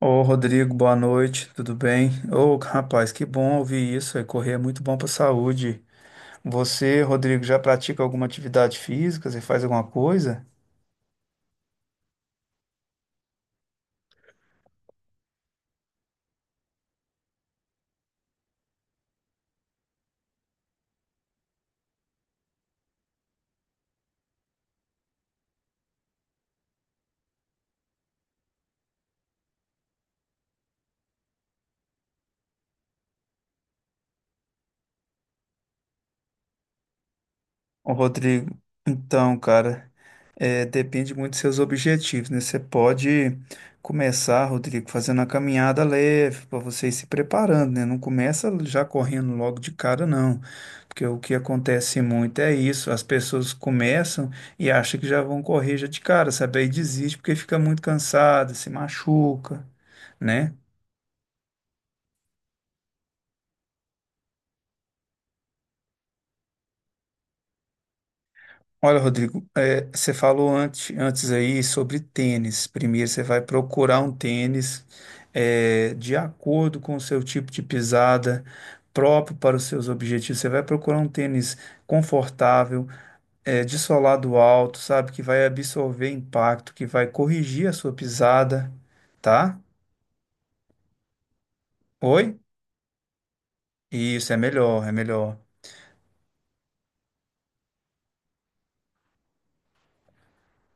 Ô, Rodrigo, boa noite, tudo bem? Ô, rapaz, que bom ouvir isso, aí, correr é muito bom para a saúde. Você, Rodrigo, já pratica alguma atividade física? Você faz alguma coisa? Ô, Rodrigo, então, cara, depende muito dos seus objetivos, né? Você pode começar, Rodrigo, fazendo uma caminhada leve para você ir se preparando, né? Não começa já correndo logo de cara, não. Porque o que acontece muito é isso, as pessoas começam e acham que já vão correr já de cara, sabe? Aí desiste porque fica muito cansada, se machuca, né? Olha, Rodrigo, você falou antes aí sobre tênis. Primeiro, você vai procurar um tênis de acordo com o seu tipo de pisada, próprio para os seus objetivos. Você vai procurar um tênis confortável, de solado alto, sabe? Que vai absorver impacto, que vai corrigir a sua pisada, tá? Oi? Isso, é melhor, é melhor.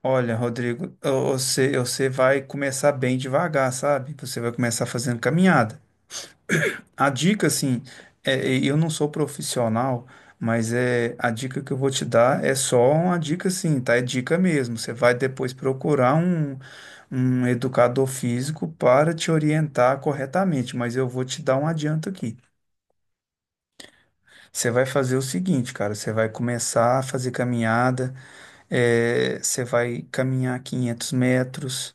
Olha, Rodrigo, você vai começar bem devagar, sabe? Você vai começar fazendo caminhada. A dica, assim, eu não sou profissional, mas é a dica que eu vou te dar é só uma dica, assim, tá? É dica mesmo. Você vai depois procurar um educador físico para te orientar corretamente, mas eu vou te dar um adianto aqui. Você vai fazer o seguinte, cara, você vai começar a fazer caminhada, você vai caminhar 500 metros,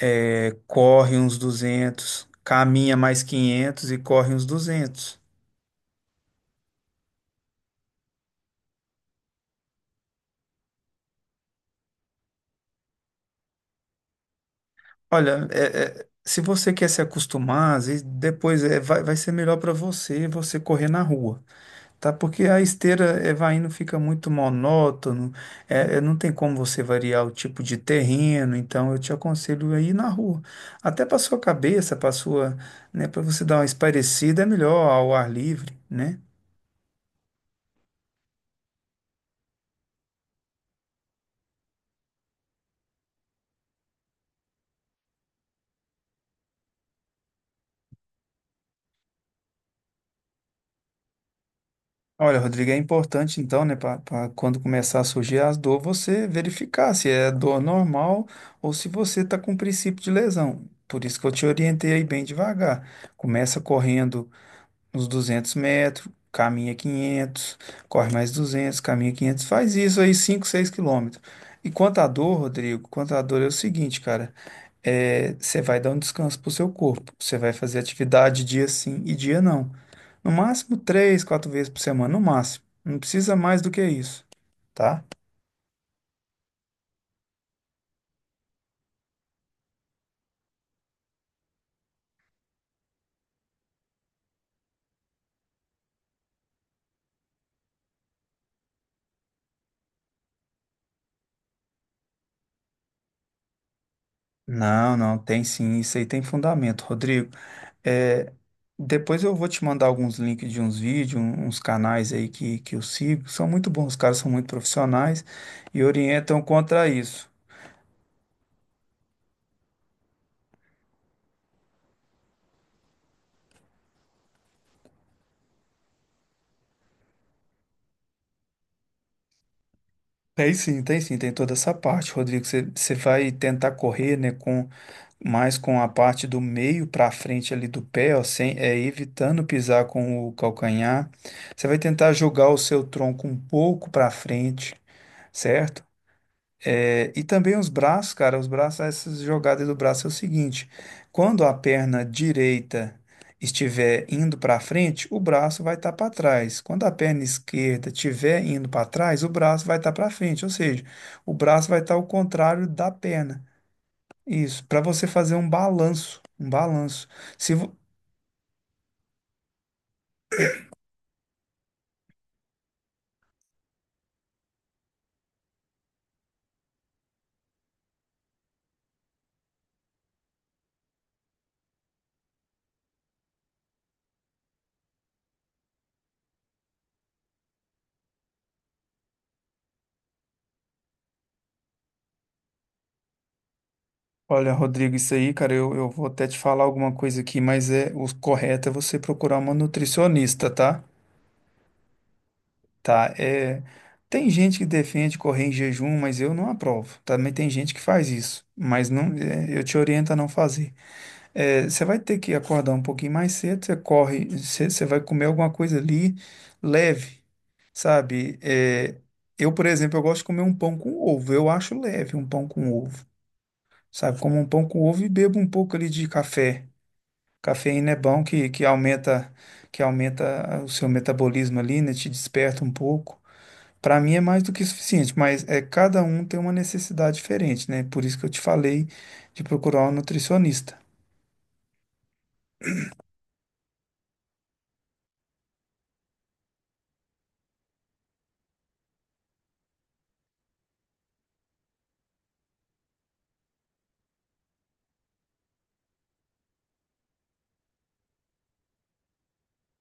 corre uns 200, caminha mais 500 e corre uns 200. Olha, se você quer se acostumar, às vezes depois vai ser melhor para você correr na rua, tá? Porque a esteira vai indo, fica muito monótono, não tem como você variar o tipo de terreno, então eu te aconselho a ir na rua. Até para sua cabeça, para sua, né, para você dar uma espairecida, é melhor ao ar livre, né? Olha, Rodrigo, é importante então, né, para quando começar a surgir as dor, você verificar se é dor normal ou se você está com princípio de lesão. Por isso que eu te orientei aí bem devagar. Começa correndo uns 200 metros, caminha 500, corre mais 200, caminha 500, faz isso aí 5, 6 quilômetros. E quanto à dor, Rodrigo, quanto à dor é o seguinte, cara, você vai dar um descanso pro seu corpo, você vai fazer atividade dia sim e dia não. No máximo 3, 4 vezes por semana, no máximo. Não precisa mais do que isso, tá? Não, não, tem sim, isso aí tem fundamento, Rodrigo. É, depois eu vou te mandar alguns links de uns vídeos, uns canais aí que eu sigo. São muito bons, os caras são muito profissionais e orientam contra isso. Tem sim, tem toda essa parte, Rodrigo. Você vai tentar correr, né, com mais com a parte do meio para frente ali do pé, ó, sem, evitando pisar com o calcanhar. Você vai tentar jogar o seu tronco um pouco para frente, certo? É, e também os braços, cara, os braços, essas jogadas do braço é o seguinte: quando a perna direita estiver indo para frente, o braço vai estar para trás. Quando a perna esquerda estiver indo para trás, o braço vai estar para frente, ou seja, o braço vai estar ao contrário da perna. Isso, para você fazer um balanço, um balanço. Se vo- Olha, Rodrigo, isso aí, cara, eu vou até te falar alguma coisa aqui, mas é o correto é você procurar uma nutricionista, tá? Tá, tem gente que defende correr em jejum, mas eu não aprovo. Também tem gente que faz isso, mas não, eu te oriento a não fazer. É, você vai ter que acordar um pouquinho mais cedo, você corre, você vai comer alguma coisa ali leve, sabe? É, eu, por exemplo, eu gosto de comer um pão com ovo, eu acho leve um pão com ovo, sabe? Como um pão com ovo e bebo um pouco ali de café. Cafeína é bom que aumenta, que aumenta o seu metabolismo ali, né? Te desperta um pouco. Para mim é mais do que suficiente, mas é cada um tem uma necessidade diferente, né? Por isso que eu te falei de procurar um nutricionista.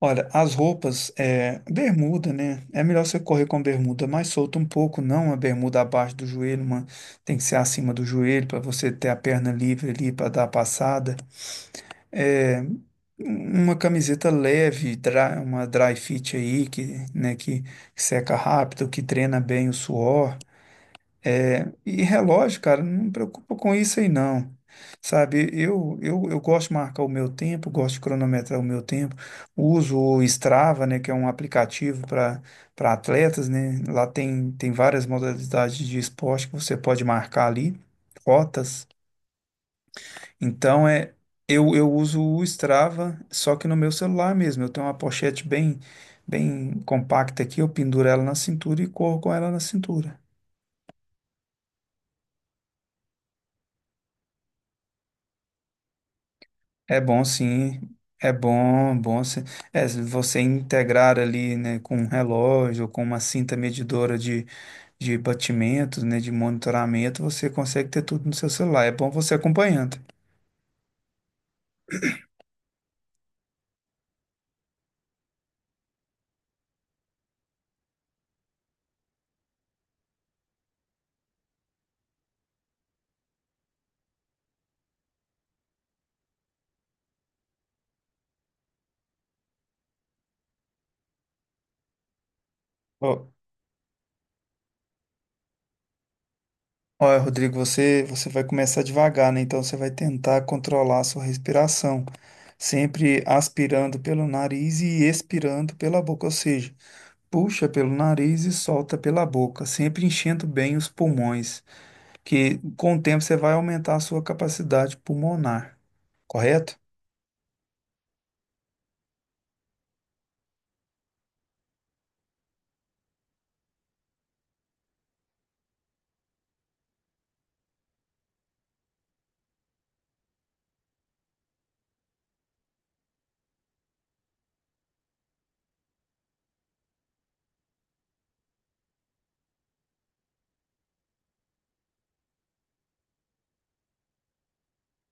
Olha, as roupas, bermuda, né? É melhor você correr com bermuda mais solta um pouco, não uma bermuda abaixo do joelho, uma tem que ser acima do joelho para você ter a perna livre ali para dar a passada. É, uma camiseta leve, uma dry fit aí que, né, que seca rápido, que treina bem o suor. É, e relógio, cara, não me preocupa com isso aí não. Sabe, eu gosto de marcar o meu tempo, gosto de cronometrar o meu tempo. Uso o Strava, né, que é um aplicativo para atletas, né? Lá tem, tem várias modalidades de esporte que você pode marcar ali, rotas. Então é eu eu uso o Strava, só que no meu celular mesmo. Eu tenho uma pochete bem bem compacta aqui, eu penduro ela na cintura e corro com ela na cintura. É bom sim, é bom, bom se- é, se você integrar ali, né, com um relógio, com uma cinta medidora de batimentos, né, de monitoramento, você consegue ter tudo no seu celular. É bom você acompanhando. Ó, Olha, Rodrigo, você vai começar devagar, né? Então você vai tentar controlar a sua respiração, sempre aspirando pelo nariz e expirando pela boca, ou seja, puxa pelo nariz e solta pela boca, sempre enchendo bem os pulmões. Que com o tempo você vai aumentar a sua capacidade pulmonar, correto?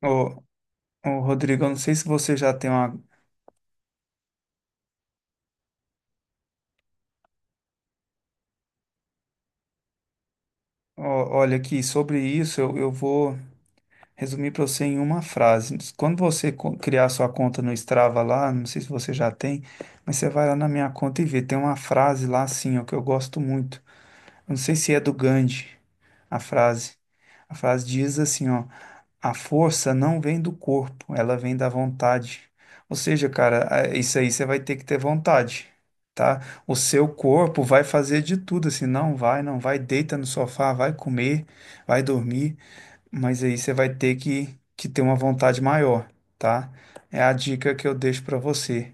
Ô, ô, Rodrigo, eu não sei se você já tem uma. Ó, olha aqui, sobre isso eu vou resumir para você em uma frase. Quando você criar sua conta no Strava lá, não sei se você já tem, mas você vai lá na minha conta e vê. Tem uma frase lá assim, ó, que eu gosto muito. Eu não sei se é do Gandhi, a frase. A frase diz assim, ó. A força não vem do corpo, ela vem da vontade. Ou seja, cara, isso aí você vai ter que ter vontade, tá? O seu corpo vai fazer de tudo, assim, não vai, não vai, deita no sofá, vai comer, vai dormir, mas aí você vai ter que ter uma vontade maior, tá? É a dica que eu deixo pra você.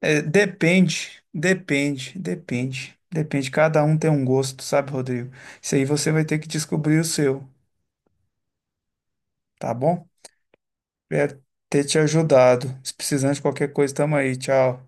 É, depende, depende, depende, depende. Cada um tem um gosto, sabe, Rodrigo? Isso aí você vai ter que descobrir o seu, tá bom? Espero ter te ajudado. Se precisar de qualquer coisa, tamo aí. Tchau.